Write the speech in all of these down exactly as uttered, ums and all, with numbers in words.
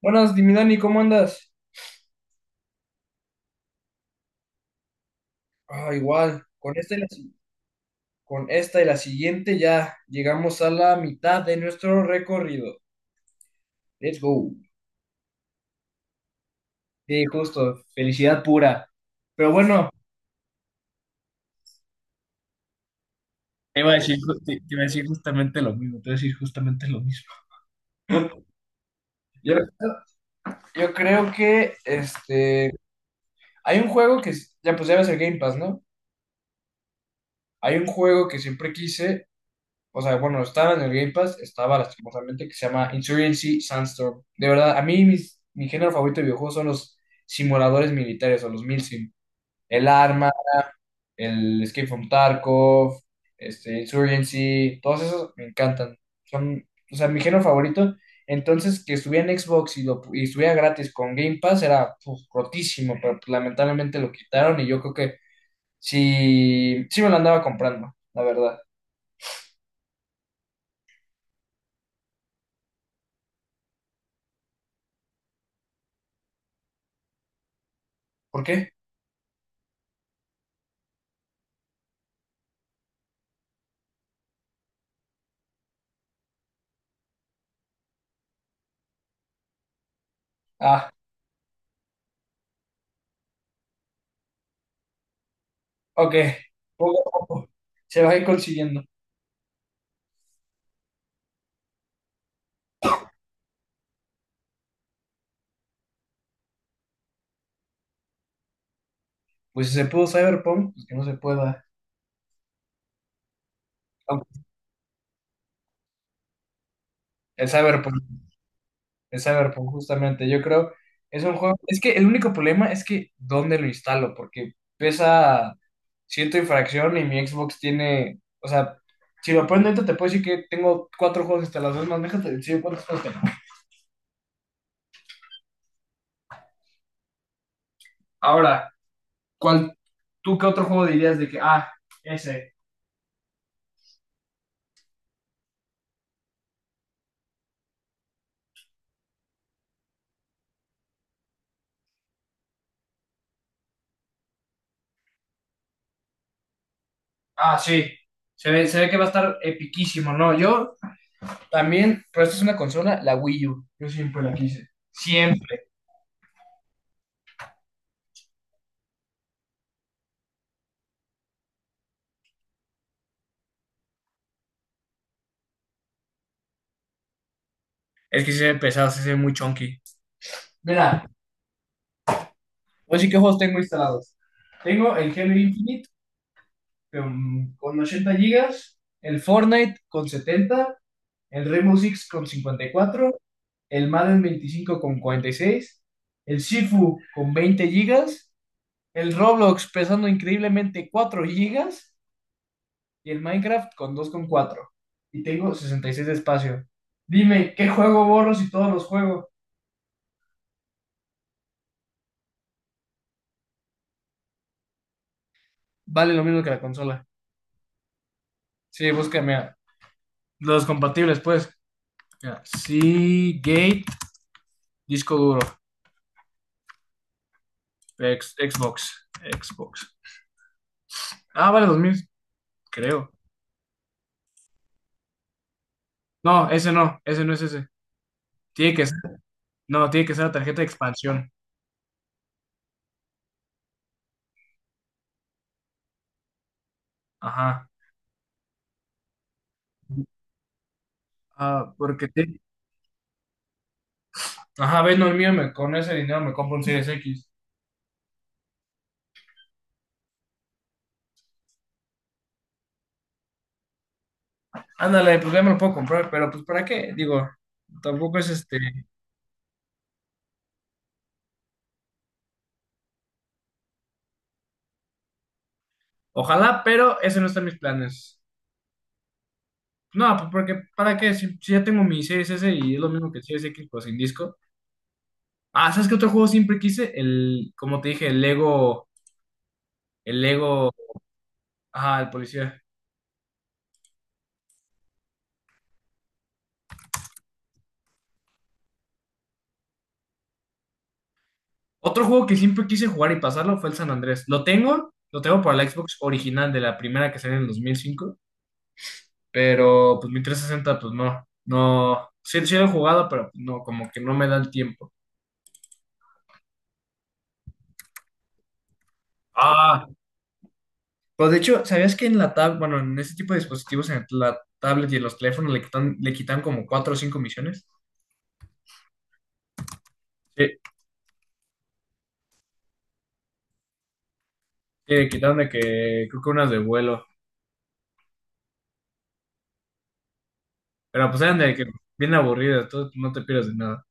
Buenas, mi Dani, ¿cómo andas? Ah, igual, con esta y la, si- con esta y la siguiente ya llegamos a la mitad de nuestro recorrido. Let's go. Sí, justo, felicidad pura. Pero bueno, te iba a decir, ju- te, te iba a decir justamente lo mismo, te iba a decir justamente lo mismo. yo, yo creo que este, hay un juego que, es- ya pues ya ves el Game Pass, ¿no? Hay un juego que siempre quise. O sea, bueno, estaba en el Game Pass, estaba lastimosamente, que se llama Insurgency Sandstorm. De verdad, a mí, mis- mi género favorito de videojuegos son los simuladores militares o los milsim. El Arma, el Escape from Tarkov, este, Insurgency, todos esos me encantan. Son, o sea, mi género favorito. Entonces, que estuviera en Xbox y, lo, y estuviera gratis con Game Pass era puf, rotísimo, pero pues, lamentablemente lo quitaron y yo creo que sí, sí me lo andaba comprando, la verdad. ¿Por qué? Ah. Ok, poco a poco se va a ir consiguiendo. Pues si se pudo Cyberpunk, pues que no se pueda. Aunque El Cyberpunk, el Cyberpunk, justamente, yo creo, es un juego. Es que el único problema es que dónde lo instalo, porque pesa ciento y fracción y mi Xbox tiene. O sea, si lo pones dentro, te puedo decir que tengo cuatro juegos instalados. Es más, déjate decir cuántos juegos tengo. Ahora, ¿cuál, tú qué otro juego dirías de que, ah, ese? Ah, sí, se ve, se ve que va a estar epiquísimo, ¿no? Yo. También, pero esta es una consola, la Wii U. Yo siempre la quise. Siempre. Es que sí se ve pesado, sí se ve muy chunky. Mira, voy a decir qué juegos tengo instalados. Tengo el Halo Infinite con, con ochenta gigas, el Fortnite con setenta, el Rainbow Six con cincuenta y cuatro, el Madden veinticinco con cuarenta y seis, el Sifu con veinte gigas, el Roblox pesando increíblemente cuatro gigas y el Minecraft con dos coma cuatro. Y tengo sesenta y seis de espacio. Dime, ¿qué juego borro si todos los juego? Vale lo mismo que la consola. Sí, búscame a los compatibles, pues. Mira, Seagate, disco duro, ex- Xbox, Xbox. Ah, vale dos mil, creo. No, ese no, ese no es ese. Tiene que ser, no, tiene que ser la tarjeta de expansión. Ajá. Ah, porque te... Ajá, ves, no, el mío me, con ese dinero me compro un Series X. Ándale, pues ya me lo puedo comprar, pero pues ¿para qué? Digo, tampoco es este. Ojalá, pero ese no está en mis planes. No, pues porque ¿para qué? Si, si ya tengo mi Series S y es lo mismo que el Series X, pues sin disco. Ah, ¿sabes qué otro juego siempre quise? El, como te dije, el Lego, el Lego, ajá, el policía. Otro juego que siempre quise jugar y pasarlo fue el San Andrés. Lo tengo, lo tengo para la Xbox original de la primera que salió en el dos mil cinco, pero pues mi trescientos sesenta pues no, no, sí, sí lo he jugado, pero pues, no, como que no me da el tiempo. Ah, pero de hecho, ¿sabías que en la tab, bueno, en este tipo de dispositivos, en la tablet y en los teléfonos le quitan, le quitan como cuatro o cinco misiones? Sí, sí, quitando de que creo que unas de vuelo. Pero pues eran de que bien aburridas, entonces no te pierdes de nada.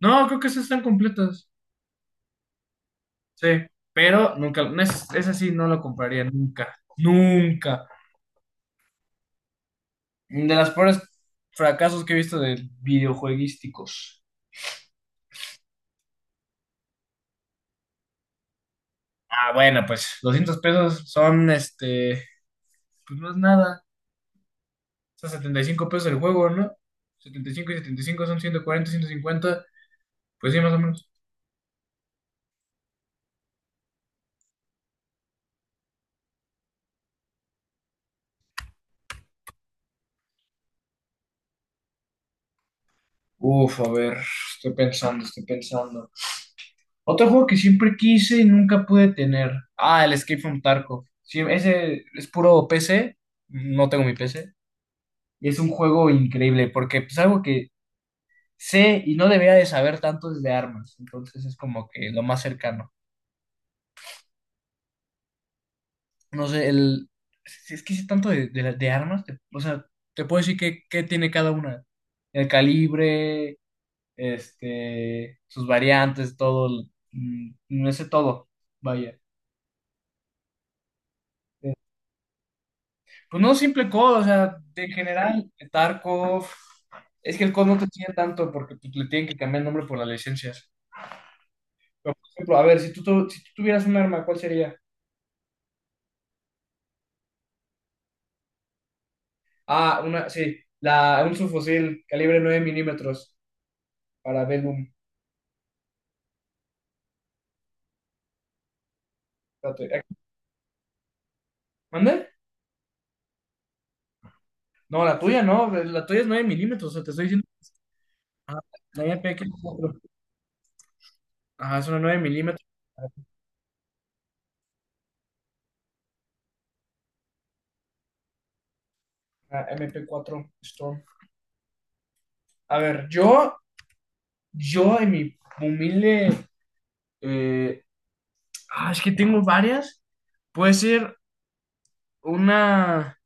No, creo que esas están completas. Sí, pero nunca, no es, esa sí no lo compraría nunca. Nunca. De las peores fracasos que he visto de videojueguísticos. Ah, bueno, pues doscientos pesos son este, pues no es nada. Son setenta y cinco pesos el juego, ¿no? Setenta y cinco y y setenta y cinco son ciento cuarenta, ciento cincuenta. Pues sí, más o menos. Uf, a ver, estoy pensando, estoy pensando. Otro juego que siempre quise y nunca pude tener. Ah, el Escape from Tarkov. Sí, ese es puro P C. No tengo mi P C. Y es un juego increíble porque es algo que sé y no debería de saber tanto es de armas. Entonces es como que lo más cercano. No sé, el... Si es que sí es tanto de, de, la- de armas, te- o sea, te puedo decir qué, qué tiene cada una. El calibre, este, sus variantes, todo, el- mm, no sé todo, vaya. Eh, Pues no simple COD, o D, o sea, de- en general, Tarkov. Es que el COD no te enseña tanto porque pues, le tienen que cambiar el nombre por las licencias. Pero, por ejemplo, a ver, si tú, tu- si tú tuvieras un arma, ¿cuál sería? Ah, una, sí, la, un subfusil calibre nueve milímetros para Bellum. Espérate, ¿Mande? No, la tuya no, la tuya es nueve milímetros, o sea, te estoy diciendo. Ah, la M P cuatro. Ajá, es una nueve milímetros. Ah, mp cuatro Storm. A ver, yo, yo en mi humilde. eh, ah, es que tengo varias. Puede ser una.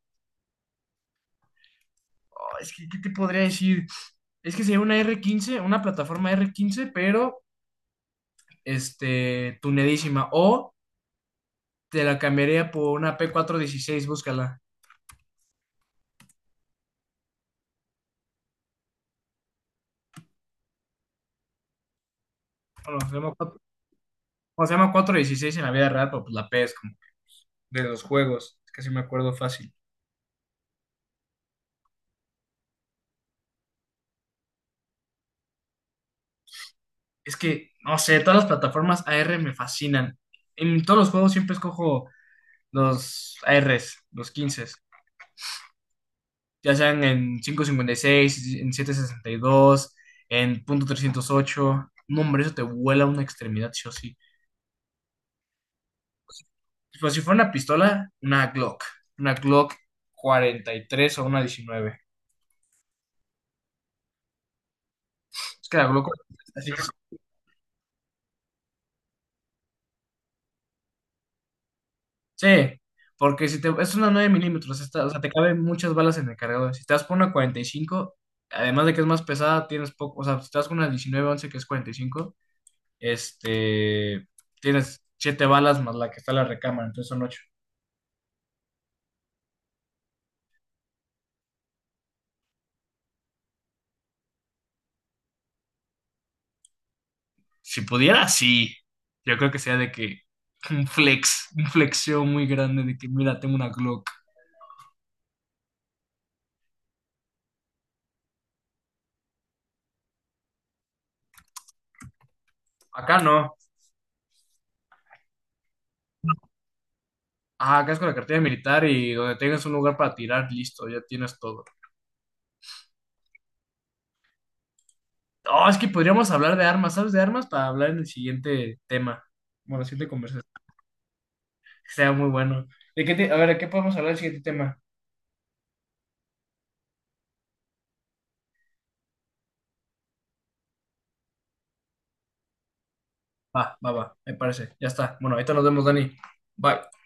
Oh, es que, ¿qué te podría decir? Es que sería una r quince una plataforma r quince, pero este, tunedísima. O te la cambiaría por una p cuatrocientos dieciséis, búscala. Bueno, se llama, cuatro, o se llama cuatrocientos dieciséis en la vida real, pero pues la P es como de los juegos. Es que sí me acuerdo fácil. Es que, no sé, todas las plataformas A R me fascinan. En todos los juegos siempre escojo los A Rs, los quince, ya sean en quinientos cincuenta y seis, en setecientos sesenta y dos, en .trescientos ocho. No, hombre, eso te vuela una extremidad, sí o sí. Pues si fuera una pistola, una Glock. Una Glock cuarenta y tres o una diecinueve. Es que la Glock cuarenta y tres así. Sí, porque si te, es una nueve milímetros, esta, o sea, te caben muchas balas en el cargador. Si te das por una cuarenta y cinco, además de que es más pesada, tienes poco, o sea, si te das con una diecinueve once que es cuarenta y cinco, este, tienes siete balas más la que está en la recámara, entonces son ocho. Si pudiera, sí, yo creo que sea de que un flex, un flexeo muy grande de que, mira, tengo una Glock. Acá no. Ah, acá es con la cartilla militar y donde tengas un lugar para tirar, listo, ya tienes todo. Oh, es que podríamos hablar de armas, ¿sabes? De armas para hablar en el siguiente tema. Bueno, la siguiente conversación. Que sea muy bueno. ¿De qué te- A ver, ¿de qué podemos hablar en el siguiente tema? Va, va, va, me parece. Ya está. Bueno, ahorita nos vemos, Dani. Bye.